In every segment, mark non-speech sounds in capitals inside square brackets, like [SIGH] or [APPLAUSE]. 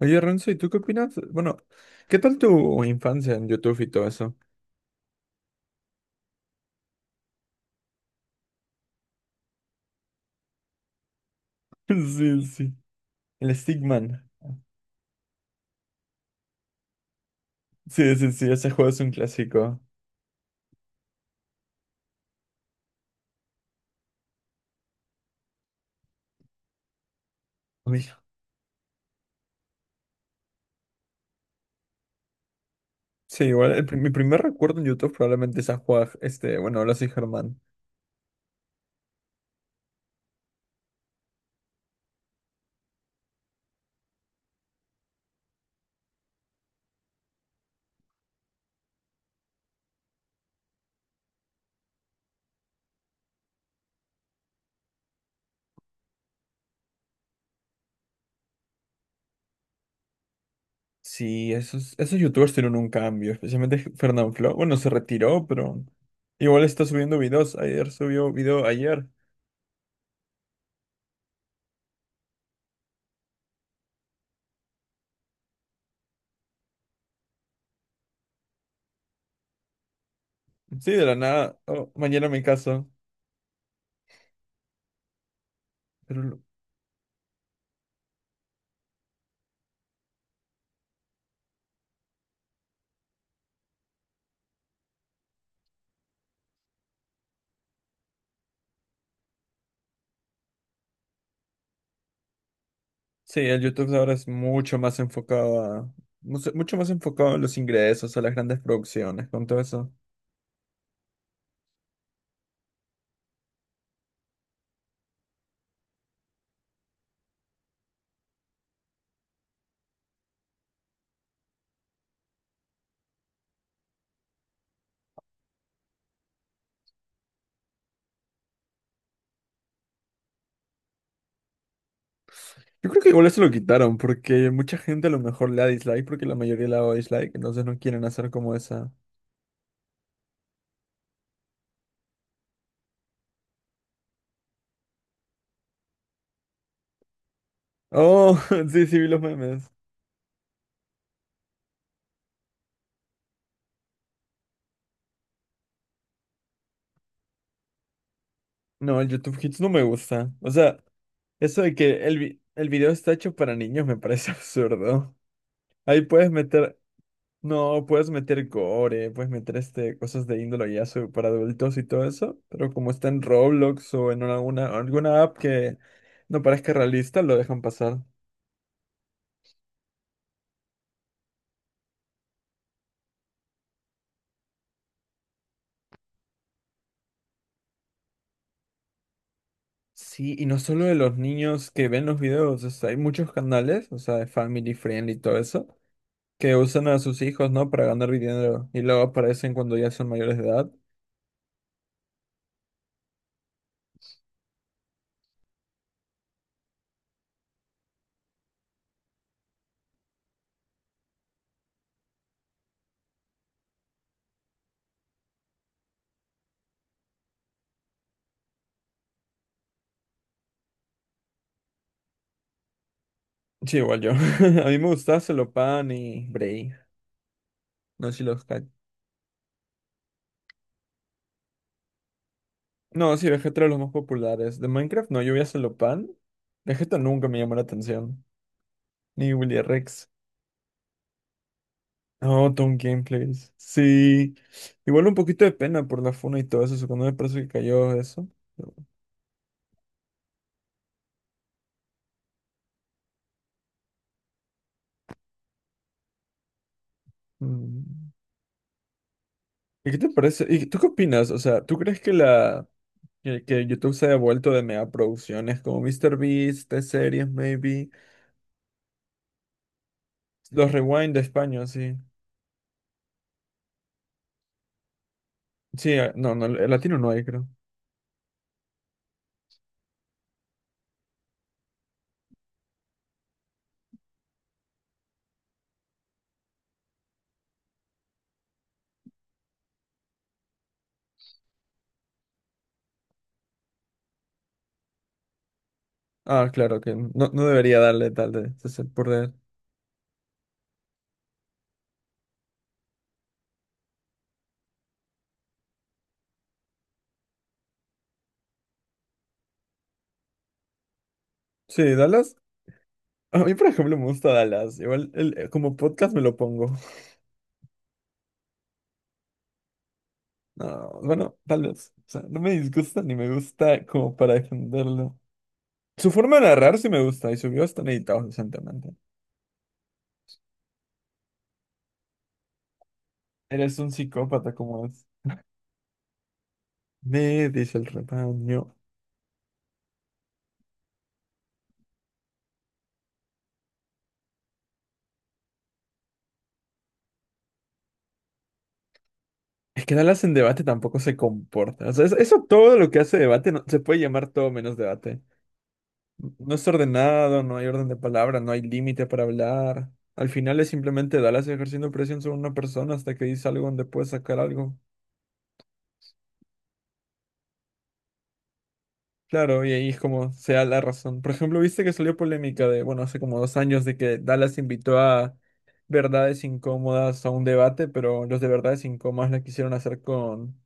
Oye, Renzo, ¿y tú qué opinas? Bueno, ¿qué tal tu infancia en YouTube y todo eso? [LAUGHS] Sí, sí. El Stickman. Sí, sí, sí, ese juego es un clásico. Uy. Sí, igual, mi primer recuerdo en YouTube probablemente es a Juan, este, bueno, ahora sí, Germán. Sí, esos youtubers tuvieron un cambio, especialmente Fernanfloo. Bueno, se retiró, pero igual está subiendo videos. Ayer subió video ayer. Sí, de la nada. Oh, mañana me caso. Pero sí, el YouTube ahora es mucho más enfocado a, mucho más enfocado a los ingresos, a las grandes producciones, con todo eso. Yo creo que igual eso lo quitaron, porque mucha gente a lo mejor le da dislike, porque la mayoría le da dislike, entonces no quieren hacer como esa. Oh, [LAUGHS] sí, sí, vi los memes. No, el YouTube Hits no me gusta. O sea, eso de que el, vi- el video está hecho para niños me parece [LAUGHS] absurdo. Ahí puedes meter. No, puedes meter gore, puedes meter este, cosas de índole para adultos y todo eso, pero como está en Roblox o en alguna, alguna app que no parezca realista, lo dejan pasar. Sí, y no solo de los niños que ven los videos, o sea, hay muchos canales, o sea, de Family friendly y todo eso, que usan a sus hijos, ¿no? Para ganar dinero y luego aparecen cuando ya son mayores de edad. Sí, igual yo. [LAUGHS] A mí me gustaba Celopan y Bray, no sé si los cachas. No, sí, Vegeta era de los más populares. De Minecraft, no, yo vi a Celopan. Vegeta nunca me llamó la atención. Ni Willy Rex. No, Tom Gameplays. Sí. Igual un poquito de pena por la funa y todo eso. Cuando me parece que cayó eso. Pero, mm. ¿Y qué te parece? ¿Y tú qué opinas? O sea, ¿tú crees que la que YouTube se ha devuelto de mega producciones como MrBeast, T-Series, maybe? Los Rewind de España, sí. Sí, ah, no, no, el latino no hay, creo. Ah, claro que no, no debería darle de ser por él. Sí, Dallas. A mí, por ejemplo, me gusta Dallas. Igual como podcast me lo pongo. No, bueno, tal vez. O sea, no me disgusta ni me gusta como para defenderlo. Su forma de narrar sí me gusta y su video están editados decentemente. Eres un psicópata como es. Me dice el rebaño. Es que Dallas en debate tampoco se comporta. O sea, eso todo lo que hace debate se puede llamar todo menos debate. No es ordenado, no hay orden de palabra, no hay límite para hablar. Al final es simplemente Dallas ejerciendo presión sobre una persona hasta que dice algo donde puede sacar algo. Claro, y ahí es como sea la razón. Por ejemplo, viste que salió polémica de, bueno, hace como dos años de que Dallas invitó a Verdades Incómodas a un debate, pero los de Verdades Incómodas la quisieron hacer con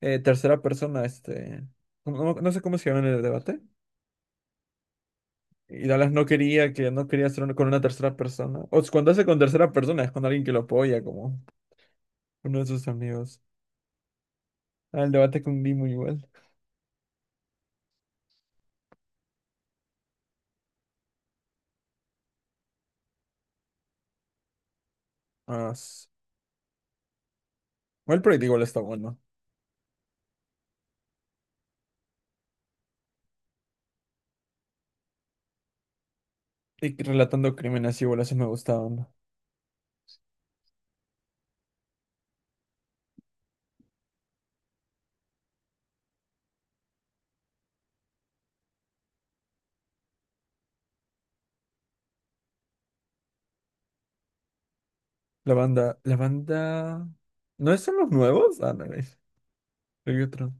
tercera persona, este, no, no sé cómo se llama en el debate. Y Dallas no quería hacer con una tercera persona. O sea, cuando hace con tercera persona es con alguien que lo apoya, como uno de sus amigos. Ah, el debate con Dimo igual. Ah, s- Igual Project igual está bueno. Y que relatando crímenes igual así me gustaban. La banda, la banda. ¿No son los nuevos? Ah, no, hay otro.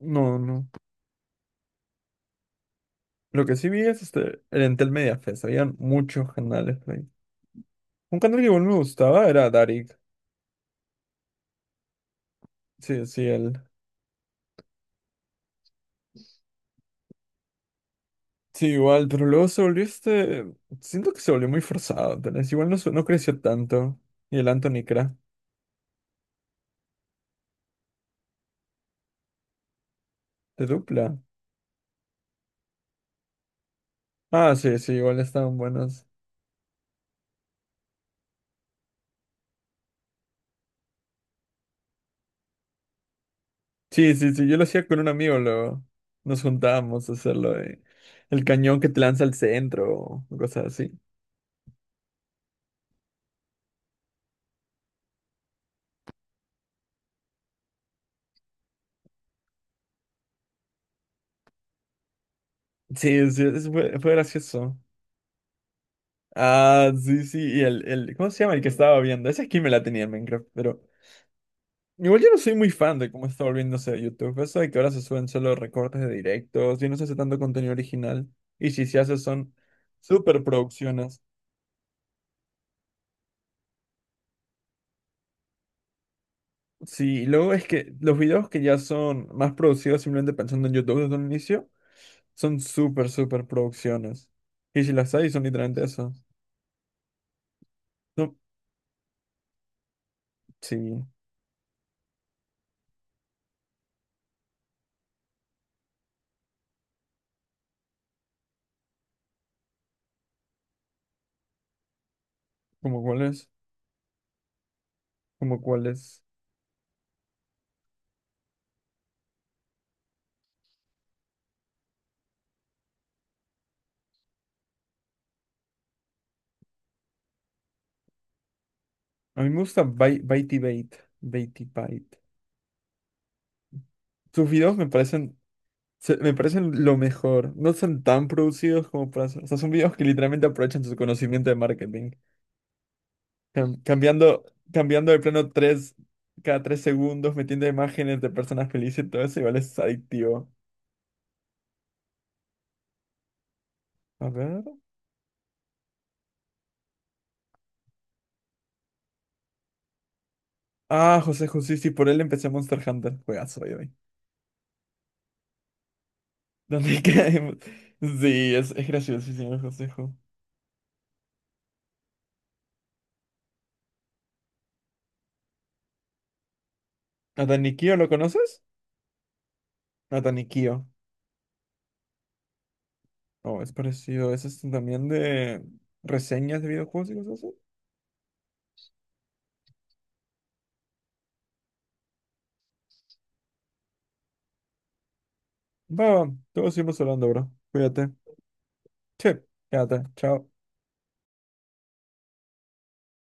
No, no. Lo que sí vi es este, el Entel Media Fest. Habían muchos canales ahí. Un canal que igual me gustaba era Darik. Sí, sí, él. Sí, igual, pero luego se volvió este. Siento que se volvió muy forzado, tal vez. Igual no, no creció tanto. Y el Anthony Cra, de dupla. Ah, sí, sí, igual estaban buenos. Sí, sí, sí, yo lo hacía con un amigo, luego. Nos juntábamos a hacerlo de. El cañón que te lanza al centro, o cosas así. Sí, sí, fue, fue gracioso. Ah, sí, sí, y el, el. ¿Cómo se llama el que estaba viendo? Esa skin me la tenía en Minecraft, pero. Igual yo no soy muy fan de cómo está volviéndose a YouTube. Eso de que ahora se suben solo recortes de directos y no se hace tanto contenido original. Y si se hace son super producciones. Sí, y luego es que los videos que ya son más producidos simplemente pensando en YouTube desde un inicio son super producciones. Y si las hay son literalmente eso. No, sí, como cuáles, como cuáles. A mí me gusta Baitybait, Baitybait. Sus videos me parecen. Me parecen lo mejor. No son tan producidos como para hacer. O sea, son videos que literalmente aprovechan su conocimiento de marketing. Cambiando, cambiando de plano tres, cada tres segundos, metiendo imágenes de personas felices y todo eso, igual es adictivo. A ver. Ah, José José, sí, por él empecé Monster Hunter. Juegazo, hoy, hoy. [LAUGHS] ¿Dónde caemos? Sí, es graciosísimo el Josejo. ¿Natanikio lo conoces? Natanikio. Oh, es parecido. Ese es también de reseñas de videojuegos y cosas. Va, va, luego seguimos hablando, bro. Cuídate. Sí, quédate. Chao.